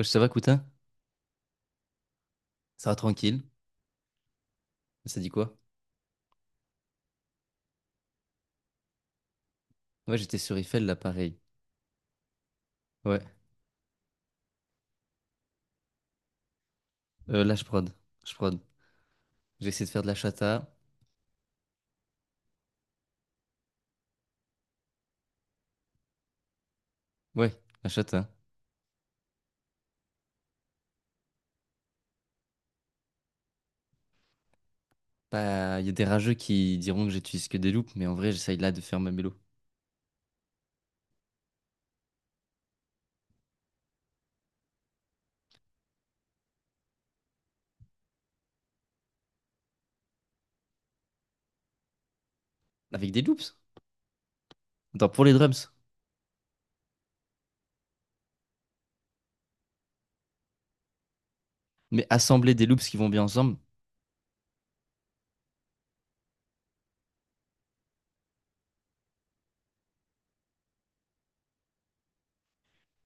Ouais, ça va, Coutin? Ça va tranquille? Ça dit quoi? Ouais, j'étais sur Eiffel, là, pareil. Ouais. Là, je prod. Je prod. J'ai essayé de faire de la chata. Ouais, la chata. Bah, il y a des rageux qui diront que j'utilise que des loops, mais en vrai, j'essaye là de faire ma mélo. Avec des loops? Attends, pour les drums. Mais assembler des loops qui vont bien ensemble?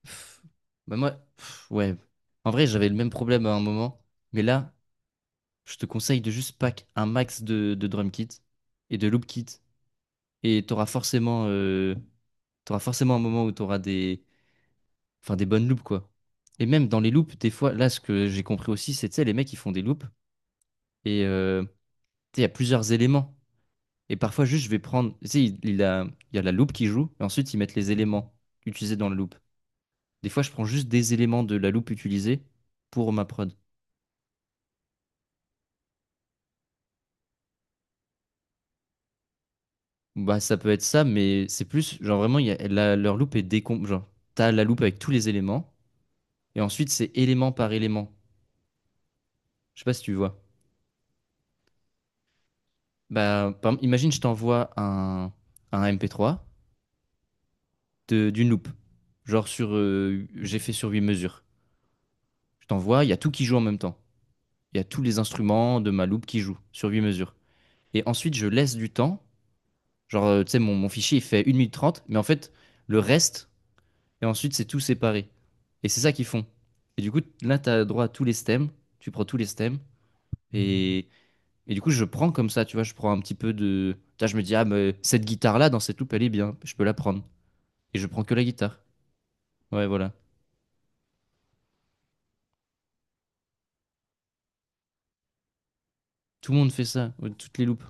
Pff, bah, moi, pff, ouais. En vrai, j'avais le même problème à un moment, mais là, je te conseille de juste pack un max de drum kit et de loop kit. Et t'auras forcément un moment où t'auras des, enfin, des bonnes loupes, quoi. Et même dans les loupes, des fois, là, ce que j'ai compris aussi, c'est, tu sais, les mecs, ils font des loupes et tu sais, il y a plusieurs éléments. Et parfois, juste, je vais prendre, tu sais, il y a la loupe qui joue et ensuite, ils mettent les éléments utilisés dans la loupe. Des fois, je prends juste des éléments de la loupe utilisée pour ma prod. Bah, ça peut être ça, mais c'est plus, genre, vraiment, il y a, leur loupe est décom. Genre, t'as la loupe avec tous les éléments et ensuite, c'est élément par élément. Je sais pas si tu vois. Bah, par exemple, imagine, je t'envoie un, MP3 d'une loupe. Genre, j'ai fait sur 8 mesures. Je t'envoie, il y a tout qui joue en même temps. Il y a tous les instruments de ma loupe qui jouent sur 8 mesures. Et ensuite, je laisse du temps. Genre, tu sais, mon fichier, il fait une minute trente, mais en fait, le reste, et ensuite, c'est tout séparé. Et c'est ça qu'ils font. Et du coup, là, tu as droit à tous les stems. Tu prends tous les stems. Et, et du coup, je prends comme ça, tu vois, je prends un petit peu de. Tu vois, je me dis, ah, mais cette guitare-là, dans cette loupe, elle est bien. Je peux la prendre. Et je prends que la guitare. Ouais, voilà. Tout le monde fait ça, toutes les loupes.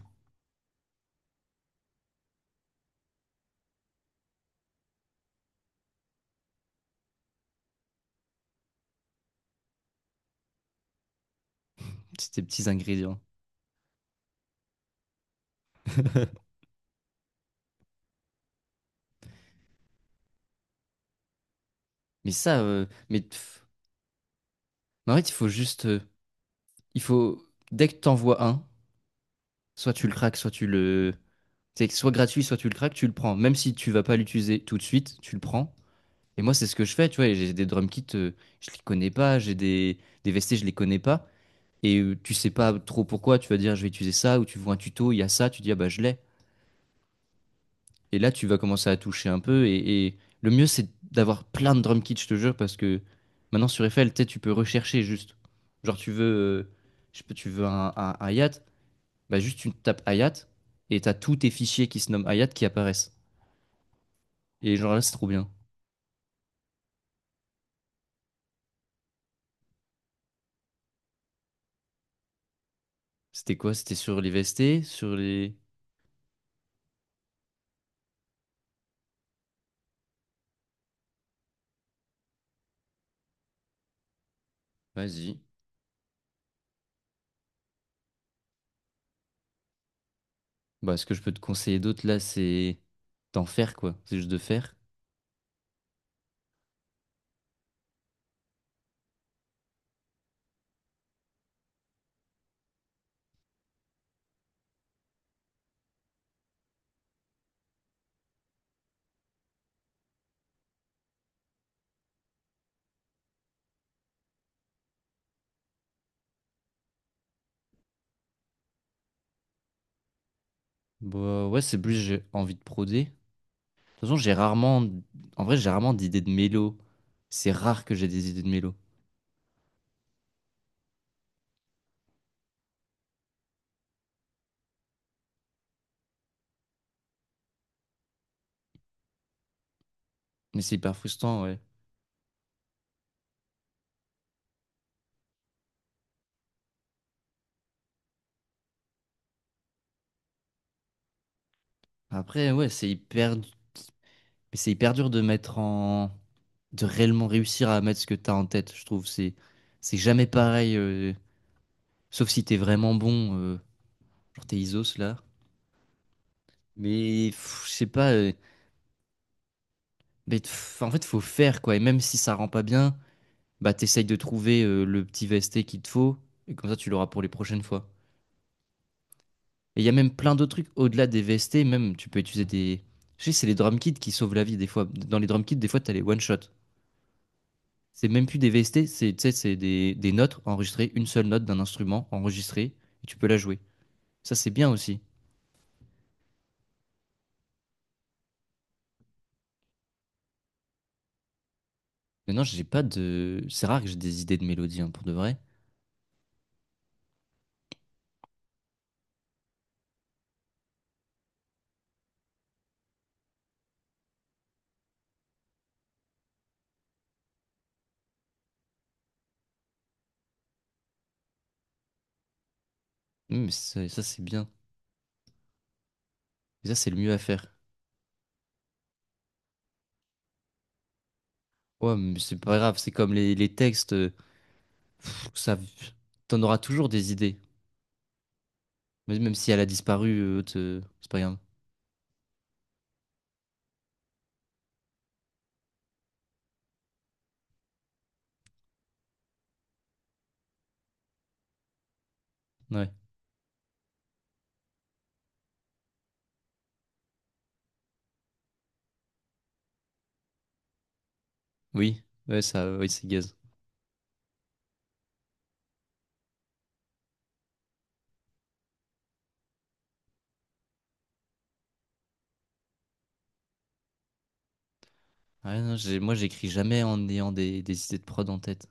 C'était petits ingrédients. Mais ça, mais pff, en fait, il faut juste, il faut dès que t'en vois un, soit tu le craques, c'est soit gratuit, soit tu le craques, tu le prends. Même si tu vas pas l'utiliser tout de suite, tu le prends. Et moi, c'est ce que je fais, tu vois. Et j'ai des drum kits, je les connais pas. J'ai des VST, je les connais pas. Et tu sais pas trop pourquoi. Tu vas dire, je vais utiliser ça, ou tu vois un tuto, il y a ça, tu dis ah bah je l'ai. Et là, tu vas commencer à toucher un peu. Et le mieux, c'est d'avoir plein de drum kits, je te jure, parce que maintenant sur Eiffel, tu sais, tu peux rechercher juste. Genre, tu veux, je sais pas, tu veux un, un hi-hat, bah juste tu tapes hi-hat et t'as tous tes fichiers qui se nomment hi-hat qui apparaissent. Et genre là, c'est trop bien. C'était quoi? C'était sur les VST, sur les. Vas-y. Bah, ce que je peux te conseiller d'autre là, c'est d'en faire quoi. C'est juste de faire. Bah, ouais, c'est plus j'ai envie de prodé. Toute façon, j'ai rarement. En vrai, j'ai rarement d'idées de mélo. C'est rare que j'ai des idées de mélo. Mais c'est hyper frustrant, ouais. Après, ouais, c'est hyper. Mais c'est hyper dur de mettre en. De réellement réussir à mettre ce que t'as en tête, je trouve. C'est jamais pareil. Sauf si t'es vraiment bon. Genre t'es Isos là. Mais pff, je sais pas. Mais pff, en fait, faut faire quoi. Et même si ça rend pas bien, bah t'essayes de trouver le petit vesté qu'il te faut. Et comme ça, tu l'auras pour les prochaines fois. Et il y a même plein d'autres trucs au-delà des VST, même tu peux utiliser des. Je sais, c'est les drum kits qui sauvent la vie des fois. Dans les drum kits, des fois, t'as les one-shot. C'est même plus des VST, c'est tu sais, c'est des, notes enregistrées, une seule note d'un instrument enregistrée, et tu peux la jouer. Ça, c'est bien aussi. Maintenant, j'ai pas de. C'est rare que j'ai des idées de mélodie, hein, pour de vrai. Mmh. Mais ça, c'est bien. Et ça, c'est le mieux à faire. Ouais, mais c'est pas grave, c'est comme les textes. Pff, ça, t'en auras toujours des idées. Mais même si elle a disparu, c'est pas grave. Ouais. Oui, ouais, ça, oui, c'est gaz. Ouais, non, moi, j'écris jamais en ayant des idées de prod en tête.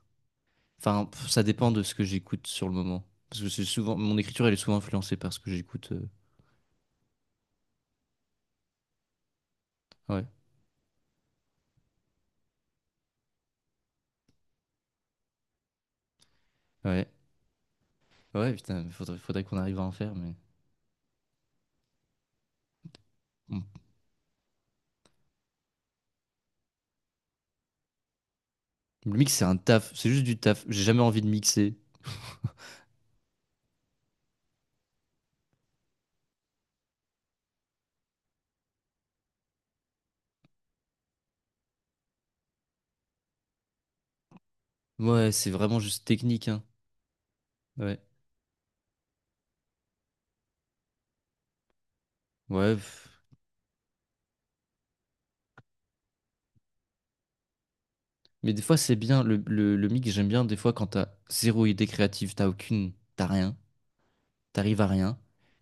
Enfin, pff, ça dépend de ce que j'écoute sur le moment. Parce que c'est souvent, mon écriture, elle est souvent influencée par ce que j'écoute. Ouais, ouais, ouais, putain, faudrait qu'on arrive à en faire, mais. Mm. Le mix, c'est un taf, c'est juste du taf. J'ai jamais envie de mixer. Ouais, c'est vraiment juste technique, hein. Ouais, ouais. Pff. Mais des fois, c'est bien, le mix, j'aime bien, des fois, quand t'as zéro idée créative, t'as aucune, t'as rien. T'arrives à rien.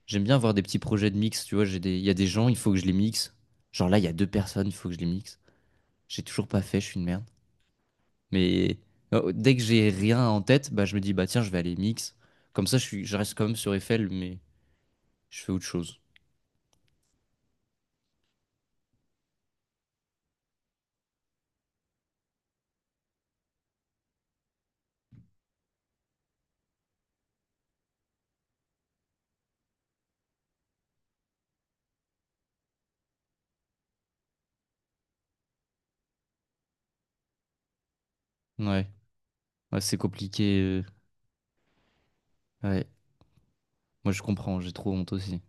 J'aime bien avoir des petits projets de mix, tu vois, j'ai des. Il y a des gens, il faut que je les mixe. Genre là, il y a deux personnes, il faut que je les mixe. J'ai toujours pas fait, je suis une merde. Mais dès que j'ai rien en tête, bah je me dis, bah tiens, je vais aller mix. Comme ça, je reste quand même sur Eiffel, mais je fais autre chose. Ouais, ouais, c'est compliqué. Ouais, moi je comprends, j'ai trop honte aussi.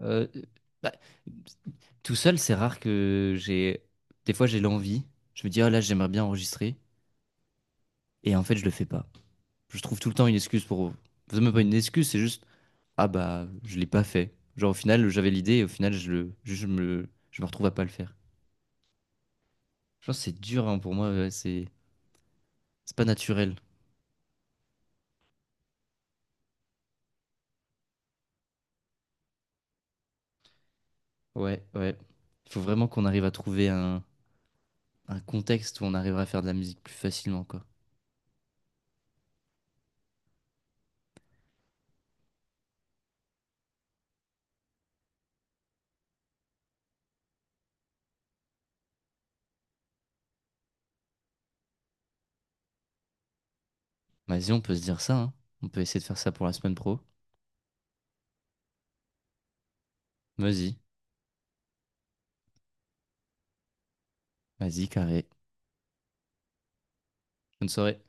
Euh, bah, tout seul, c'est rare que j'ai. Des fois, j'ai l'envie. Je me dis, ah là, j'aimerais bien enregistrer. Et en fait, je le fais pas. Je trouve tout le temps une excuse pour. C'est même pas une excuse, c'est juste ah bah je l'ai pas fait. Genre au final j'avais l'idée et au final je le je me retrouve à pas le faire. Je pense que c'est dur hein, pour moi, ouais, c'est pas naturel. Ouais, ouais. Il faut vraiment qu'on arrive à trouver un contexte où on arrivera à faire de la musique plus facilement quoi. Vas-y, on peut se dire ça, hein. On peut essayer de faire ça pour la semaine pro. Vas-y, vas-y, carré. Bonne soirée.